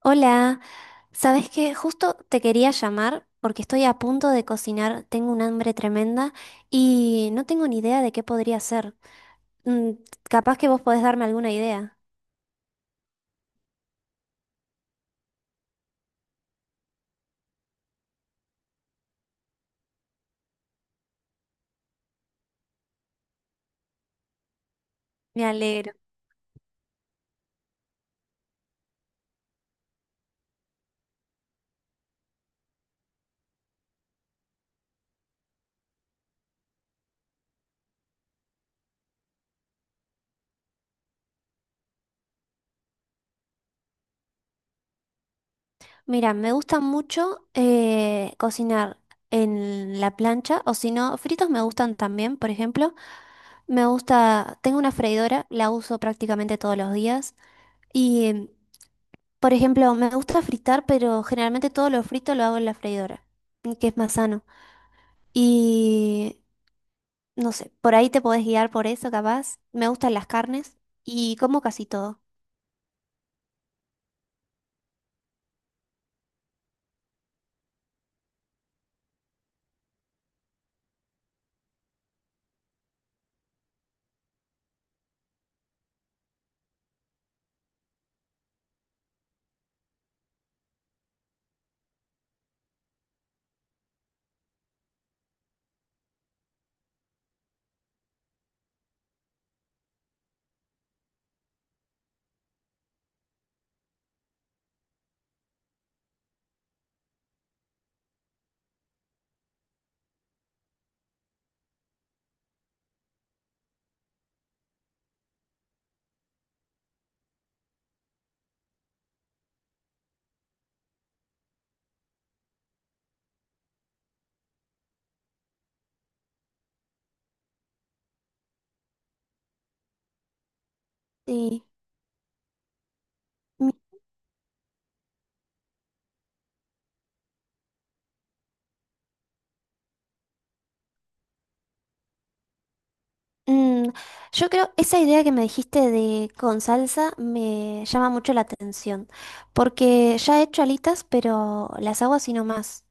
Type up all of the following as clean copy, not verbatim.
Hola, ¿sabes qué? Justo te quería llamar porque estoy a punto de cocinar, tengo un hambre tremenda y no tengo ni idea de qué podría hacer. Mm, Capaz que vos podés darme alguna idea. Me alegro. Mira, me gusta mucho cocinar en la plancha o si no, fritos me gustan también, por ejemplo. Me gusta, tengo una freidora, la uso prácticamente todos los días y por ejemplo, me gusta fritar, pero generalmente todo lo frito lo hago en la freidora, que es más sano. Y no sé, por ahí te podés guiar por eso, capaz. Me gustan las carnes y como casi todo. Sí. Mm, mm, yo creo, esa idea que me dijiste de con salsa me llama mucho la atención, porque ya he hecho alitas, pero las hago así nomás.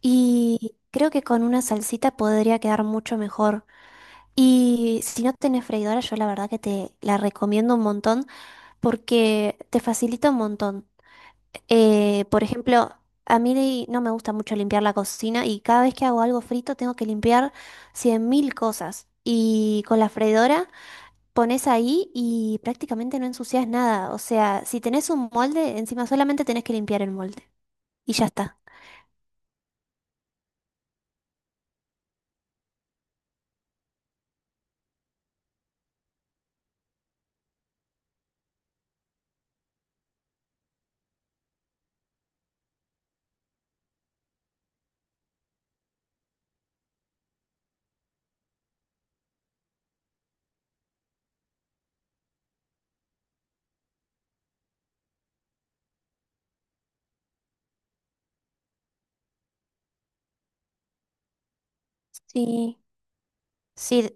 Y creo que con una salsita podría quedar mucho mejor. Y si no tenés freidora, yo la verdad que te la recomiendo un montón porque te facilita un montón. Por ejemplo, a mí no me gusta mucho limpiar la cocina y cada vez que hago algo frito tengo que limpiar 100.000 cosas. Y con la freidora pones ahí y prácticamente no ensucias nada. O sea, si tenés un molde, encima solamente tenés que limpiar el molde. Y ya está. Sí, sí,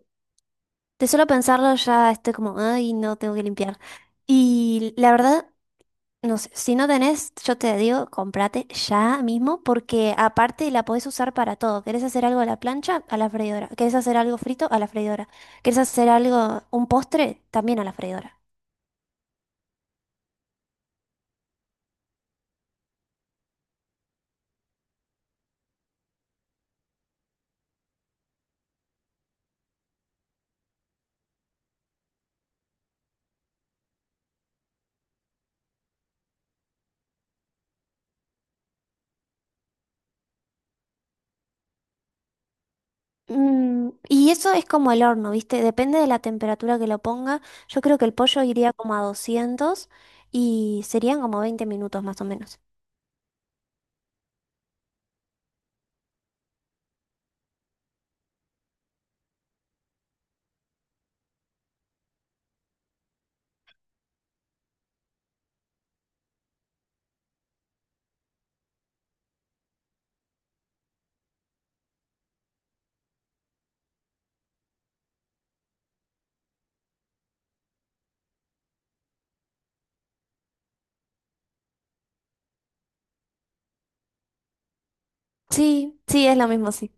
de solo pensarlo ya estoy como, ay, no tengo que limpiar. Y la verdad, no sé, si no tenés, yo te digo, comprate ya mismo, porque aparte la podés usar para todo. ¿Querés hacer algo a la plancha? A la freidora. ¿Querés hacer algo frito? A la freidora. ¿Querés hacer algo, un postre? También a la freidora. Mm, y eso es como el horno, ¿viste? Depende de la temperatura que lo ponga. Yo creo que el pollo iría como a 200 y serían como 20 minutos más o menos. Sí, sí, es lo mismo, sí.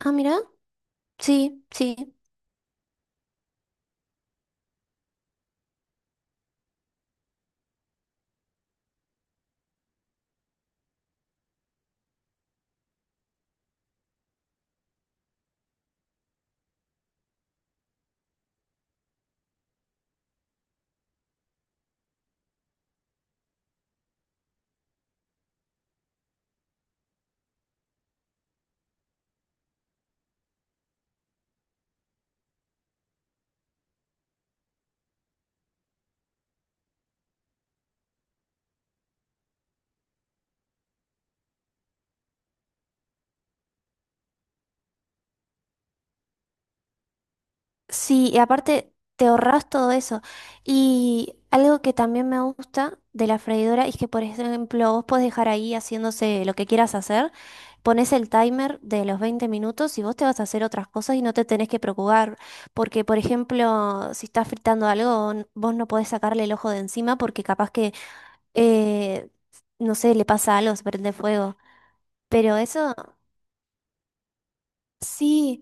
Ah, mira, sí, sí. Sí, y aparte te ahorras todo eso. Y algo que también me gusta de la freidora es que, por ejemplo, vos podés dejar ahí haciéndose lo que quieras hacer, pones el timer de los 20 minutos y vos te vas a hacer otras cosas y no te tenés que preocupar, porque, por ejemplo, si estás fritando algo, vos no podés sacarle el ojo de encima porque capaz que, eh, no sé, le pasa algo, se prende fuego. Pero eso, sí.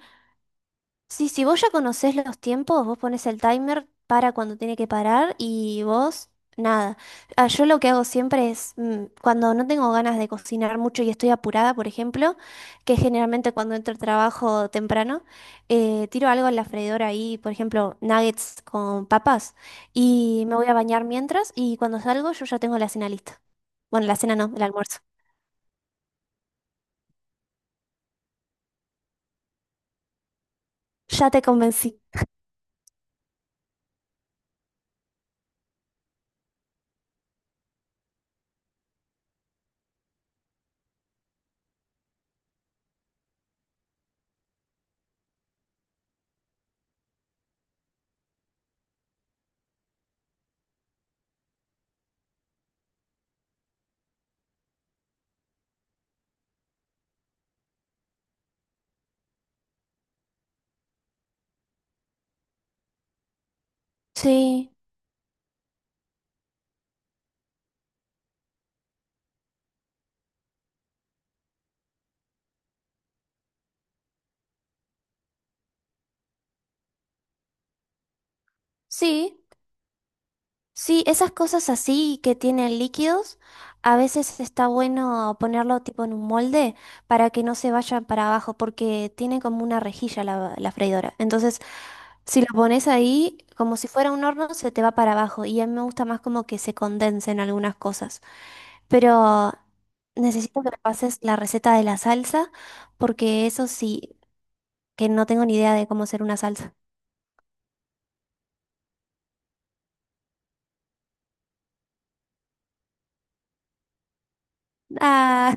Sí, si vos ya conocés los tiempos, vos pones el timer para cuando tiene que parar y vos nada. Ah, yo lo que hago siempre es, cuando no tengo ganas de cocinar mucho y estoy apurada, por ejemplo, que generalmente cuando entro al trabajo temprano, tiro algo en la freidora ahí, por ejemplo, nuggets con papas y me voy a bañar mientras y cuando salgo yo ya tengo la cena lista. Bueno, la cena no, el almuerzo. Ya te convencí. Sí, sí. Sí, esas cosas así que tienen líquidos, a veces está bueno ponerlo tipo en un molde para que no se vayan para abajo, porque tiene como una rejilla la, la freidora. Entonces, si lo pones ahí, como si fuera un horno, se te va para abajo. Y a mí me gusta más como que se condensen algunas cosas. Pero necesito que me pases la receta de la salsa, porque eso sí, que no tengo ni idea de cómo hacer una salsa. Ah,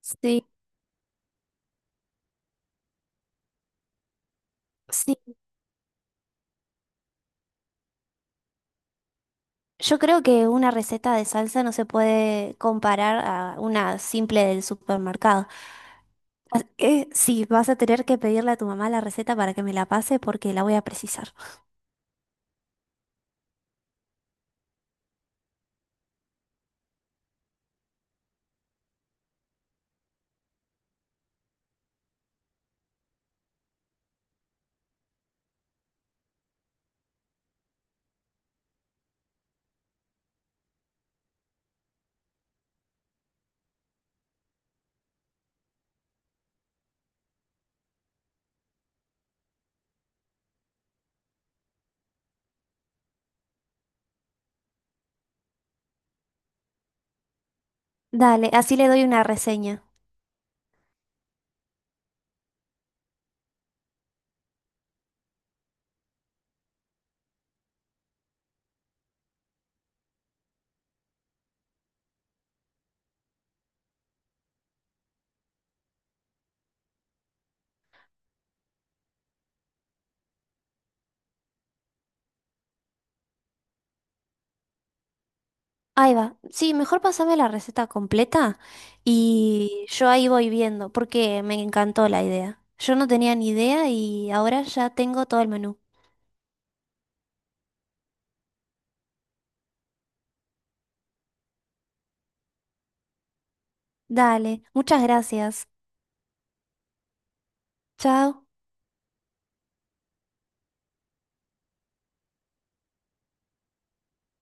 sí. Sí, yo creo que una receta de salsa no se puede comparar a una simple del supermercado. Así que sí, vas a tener que pedirle a tu mamá la receta para que me la pase porque la voy a precisar. Dale, así le doy una reseña. Ahí va. Sí, mejor pasame la receta completa y yo ahí voy viendo porque me encantó la idea. Yo no tenía ni idea y ahora ya tengo todo el menú. Dale, muchas gracias. Chao.